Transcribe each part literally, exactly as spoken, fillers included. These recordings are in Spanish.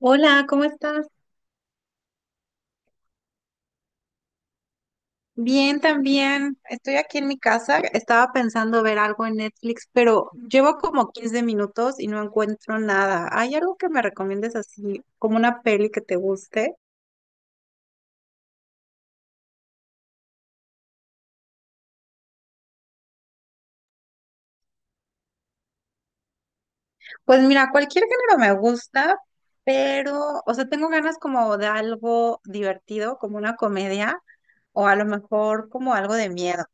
Hola, ¿cómo estás? Bien, también. Estoy aquí en mi casa. Estaba pensando ver algo en Netflix, pero llevo como quince minutos y no encuentro nada. ¿Hay algo que me recomiendes así, como una peli que te guste? Pues mira, cualquier género me gusta, pero, o sea, tengo ganas como de algo divertido, como una comedia, o a lo mejor como algo de miedo.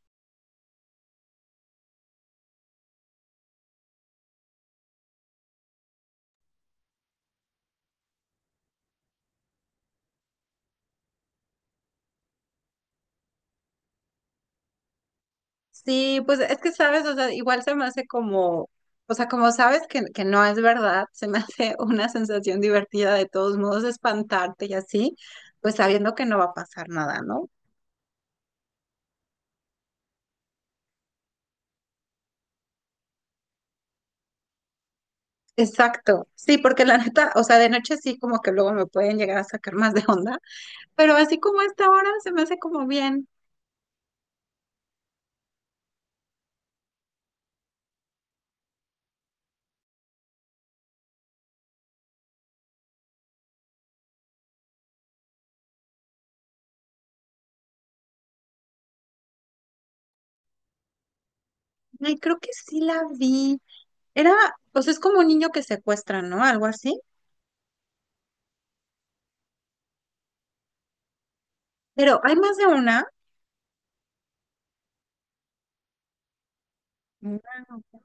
Sí, pues es que sabes, o sea, igual se me hace como, o sea, como sabes que, que no es verdad, se me hace una sensación divertida de todos modos, espantarte y así, pues sabiendo que no va a pasar nada, ¿no? Exacto, sí, porque la neta, o sea, de noche sí como que luego me pueden llegar a sacar más de onda, pero así como a esta hora se me hace como bien. Ay, creo que sí la vi. Era, pues es como un niño que secuestran, ¿no? Algo así. Pero hay más de una. Wow.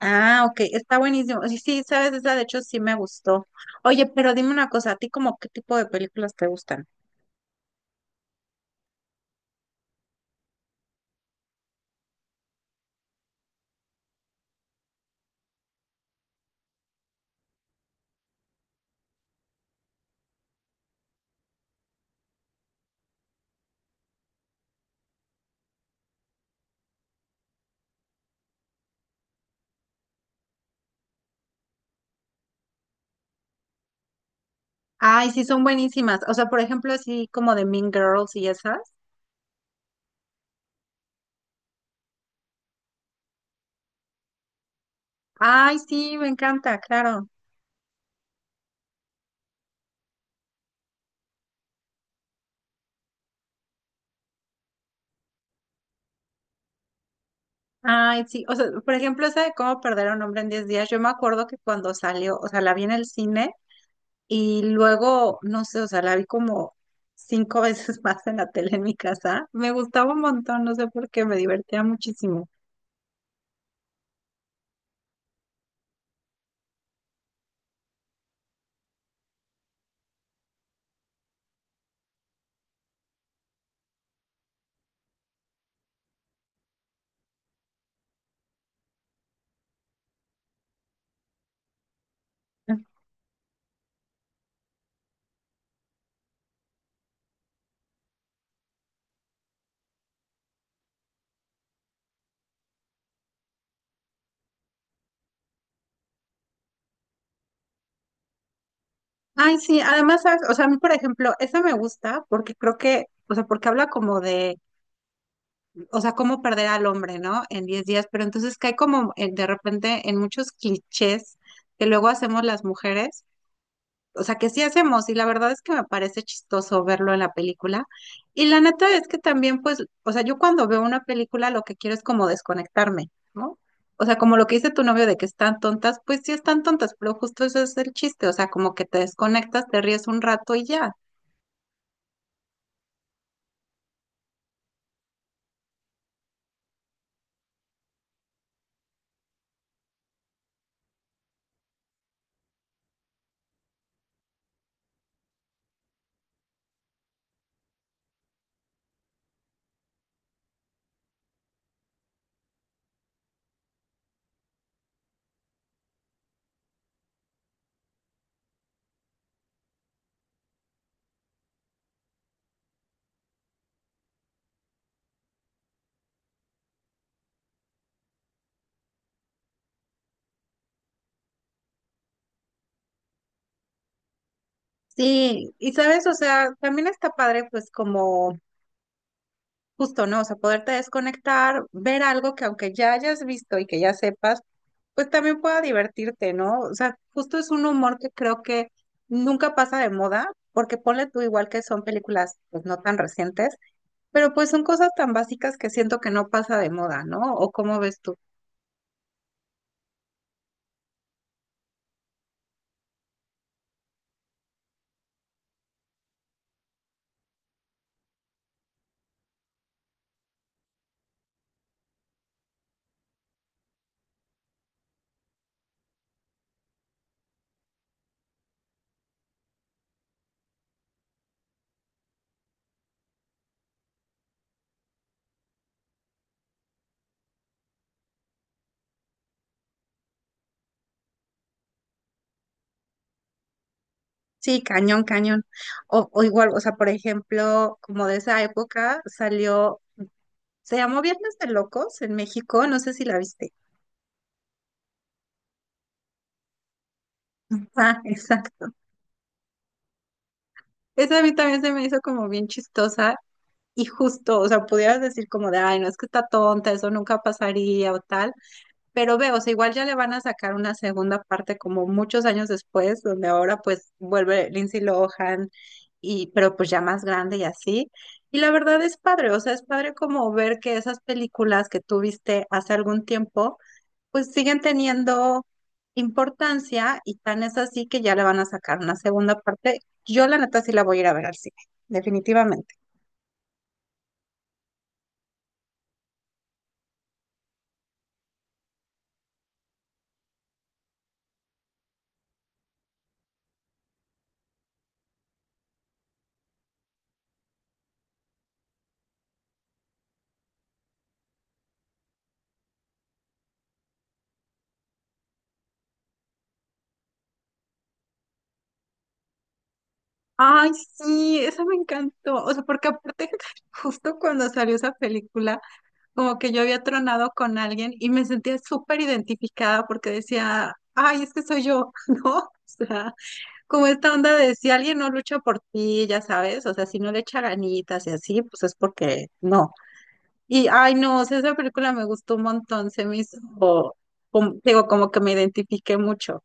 Ah, ok, está buenísimo. Sí, sí, sabes, esa de hecho sí me gustó. Oye, pero dime una cosa, ¿a ti como qué tipo de películas te gustan? Ay, sí, son buenísimas. O sea, por ejemplo, así como de Mean Girls y esas. Ay, sí, me encanta, claro. Ay, sí, o sea, por ejemplo, esa de cómo perder a un hombre en diez días, yo me acuerdo que cuando salió, o sea, la vi en el cine y luego, no sé, o sea, la vi como cinco veces más en la tele en mi casa. Me gustaba un montón, no sé por qué, me divertía muchísimo. Ay, sí, además, ¿sabes? O sea, a mí, por ejemplo, esa me gusta porque creo que, o sea, porque habla como de, o sea, cómo perder al hombre, ¿no? En diez días, pero entonces cae como eh, de repente en muchos clichés que luego hacemos las mujeres, o sea, que sí hacemos, y la verdad es que me parece chistoso verlo en la película. Y la neta es que también, pues, o sea, yo cuando veo una película lo que quiero es como desconectarme, ¿no? O sea, como lo que dice tu novio de que están tontas, pues sí están tontas, pero justo eso es el chiste, o sea, como que te desconectas, te ríes un rato y ya. Sí, y sabes, o sea, también está padre, pues como justo, ¿no? O sea, poderte desconectar, ver algo que aunque ya hayas visto y que ya sepas, pues también pueda divertirte, ¿no? O sea, justo es un humor que creo que nunca pasa de moda, porque ponle tú igual que son películas, pues no tan recientes, pero pues son cosas tan básicas que siento que no pasa de moda, ¿no? ¿O cómo ves tú? Sí, cañón, cañón. O, o igual, o sea, por ejemplo, como de esa época salió, se llamó Viernes de Locos en México, no sé si la viste. Ah, exacto. Esa a mí también se me hizo como bien chistosa y justo, o sea, pudieras decir como de, ay, no, es que está tonta, eso nunca pasaría o tal, pero veo, o sea, igual ya le van a sacar una segunda parte como muchos años después, donde ahora pues vuelve Lindsay Lohan y, pero pues ya más grande y así. Y la verdad es padre, o sea, es padre como ver que esas películas que tú viste hace algún tiempo pues siguen teniendo importancia y tan es así que ya le van a sacar una segunda parte. Yo la neta sí la voy a ir a ver al cine, definitivamente. Ay, sí, esa me encantó. O sea, porque aparte, justo cuando salió esa película, como que yo había tronado con alguien y me sentía súper identificada porque decía, ay, es que soy yo, ¿no? O sea, como esta onda de si alguien no lucha por ti, ya sabes, o sea, si no le echa ganitas y así, pues es porque no. Y, ay, no, o sea, esa película me gustó un montón, se me hizo, como- digo, como que me identifiqué mucho.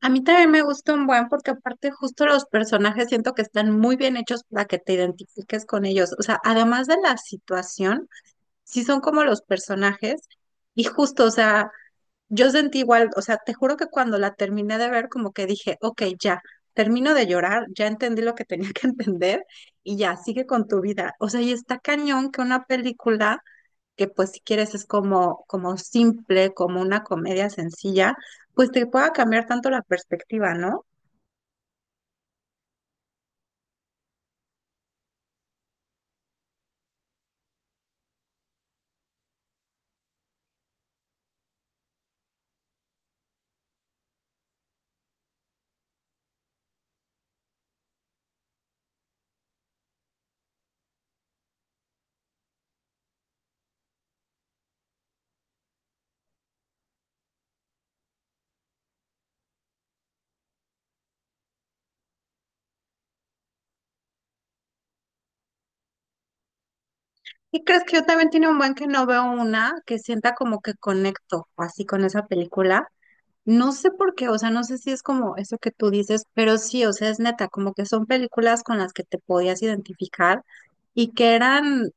A mí también me gustó un buen porque aparte justo los personajes siento que están muy bien hechos para que te identifiques con ellos. O sea, además de la situación, sí son como los personajes y justo, o sea, yo sentí igual, o sea, te juro que cuando la terminé de ver como que dije, ok, ya, termino de llorar, ya entendí lo que tenía que entender y ya, sigue con tu vida. O sea, y está cañón que una película que pues si quieres es como, como simple, como una comedia sencilla, pues te pueda cambiar tanto la perspectiva, ¿no? Y crees que yo también tiene un buen que no veo una que sienta como que conecto así con esa película. No sé por qué, o sea, no sé si es como eso que tú dices, pero sí, o sea, es neta, como que son películas con las que te podías identificar y que eran,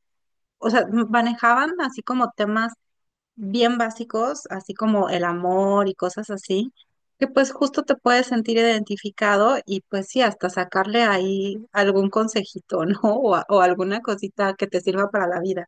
o sea, manejaban así como temas bien básicos, así como el amor y cosas así, que pues justo te puedes sentir identificado y pues sí, hasta sacarle ahí algún consejito, ¿no? O, a- o alguna cosita que te sirva para la vida.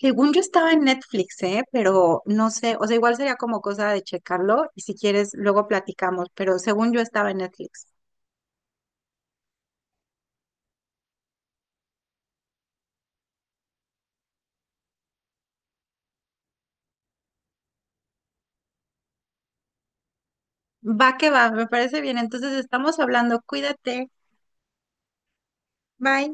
Según yo estaba en Netflix, ¿eh? Pero no sé, o sea, igual sería como cosa de checarlo y si quieres luego platicamos, pero según yo estaba en Netflix. Va que va, me parece bien. Entonces estamos hablando, cuídate, bye.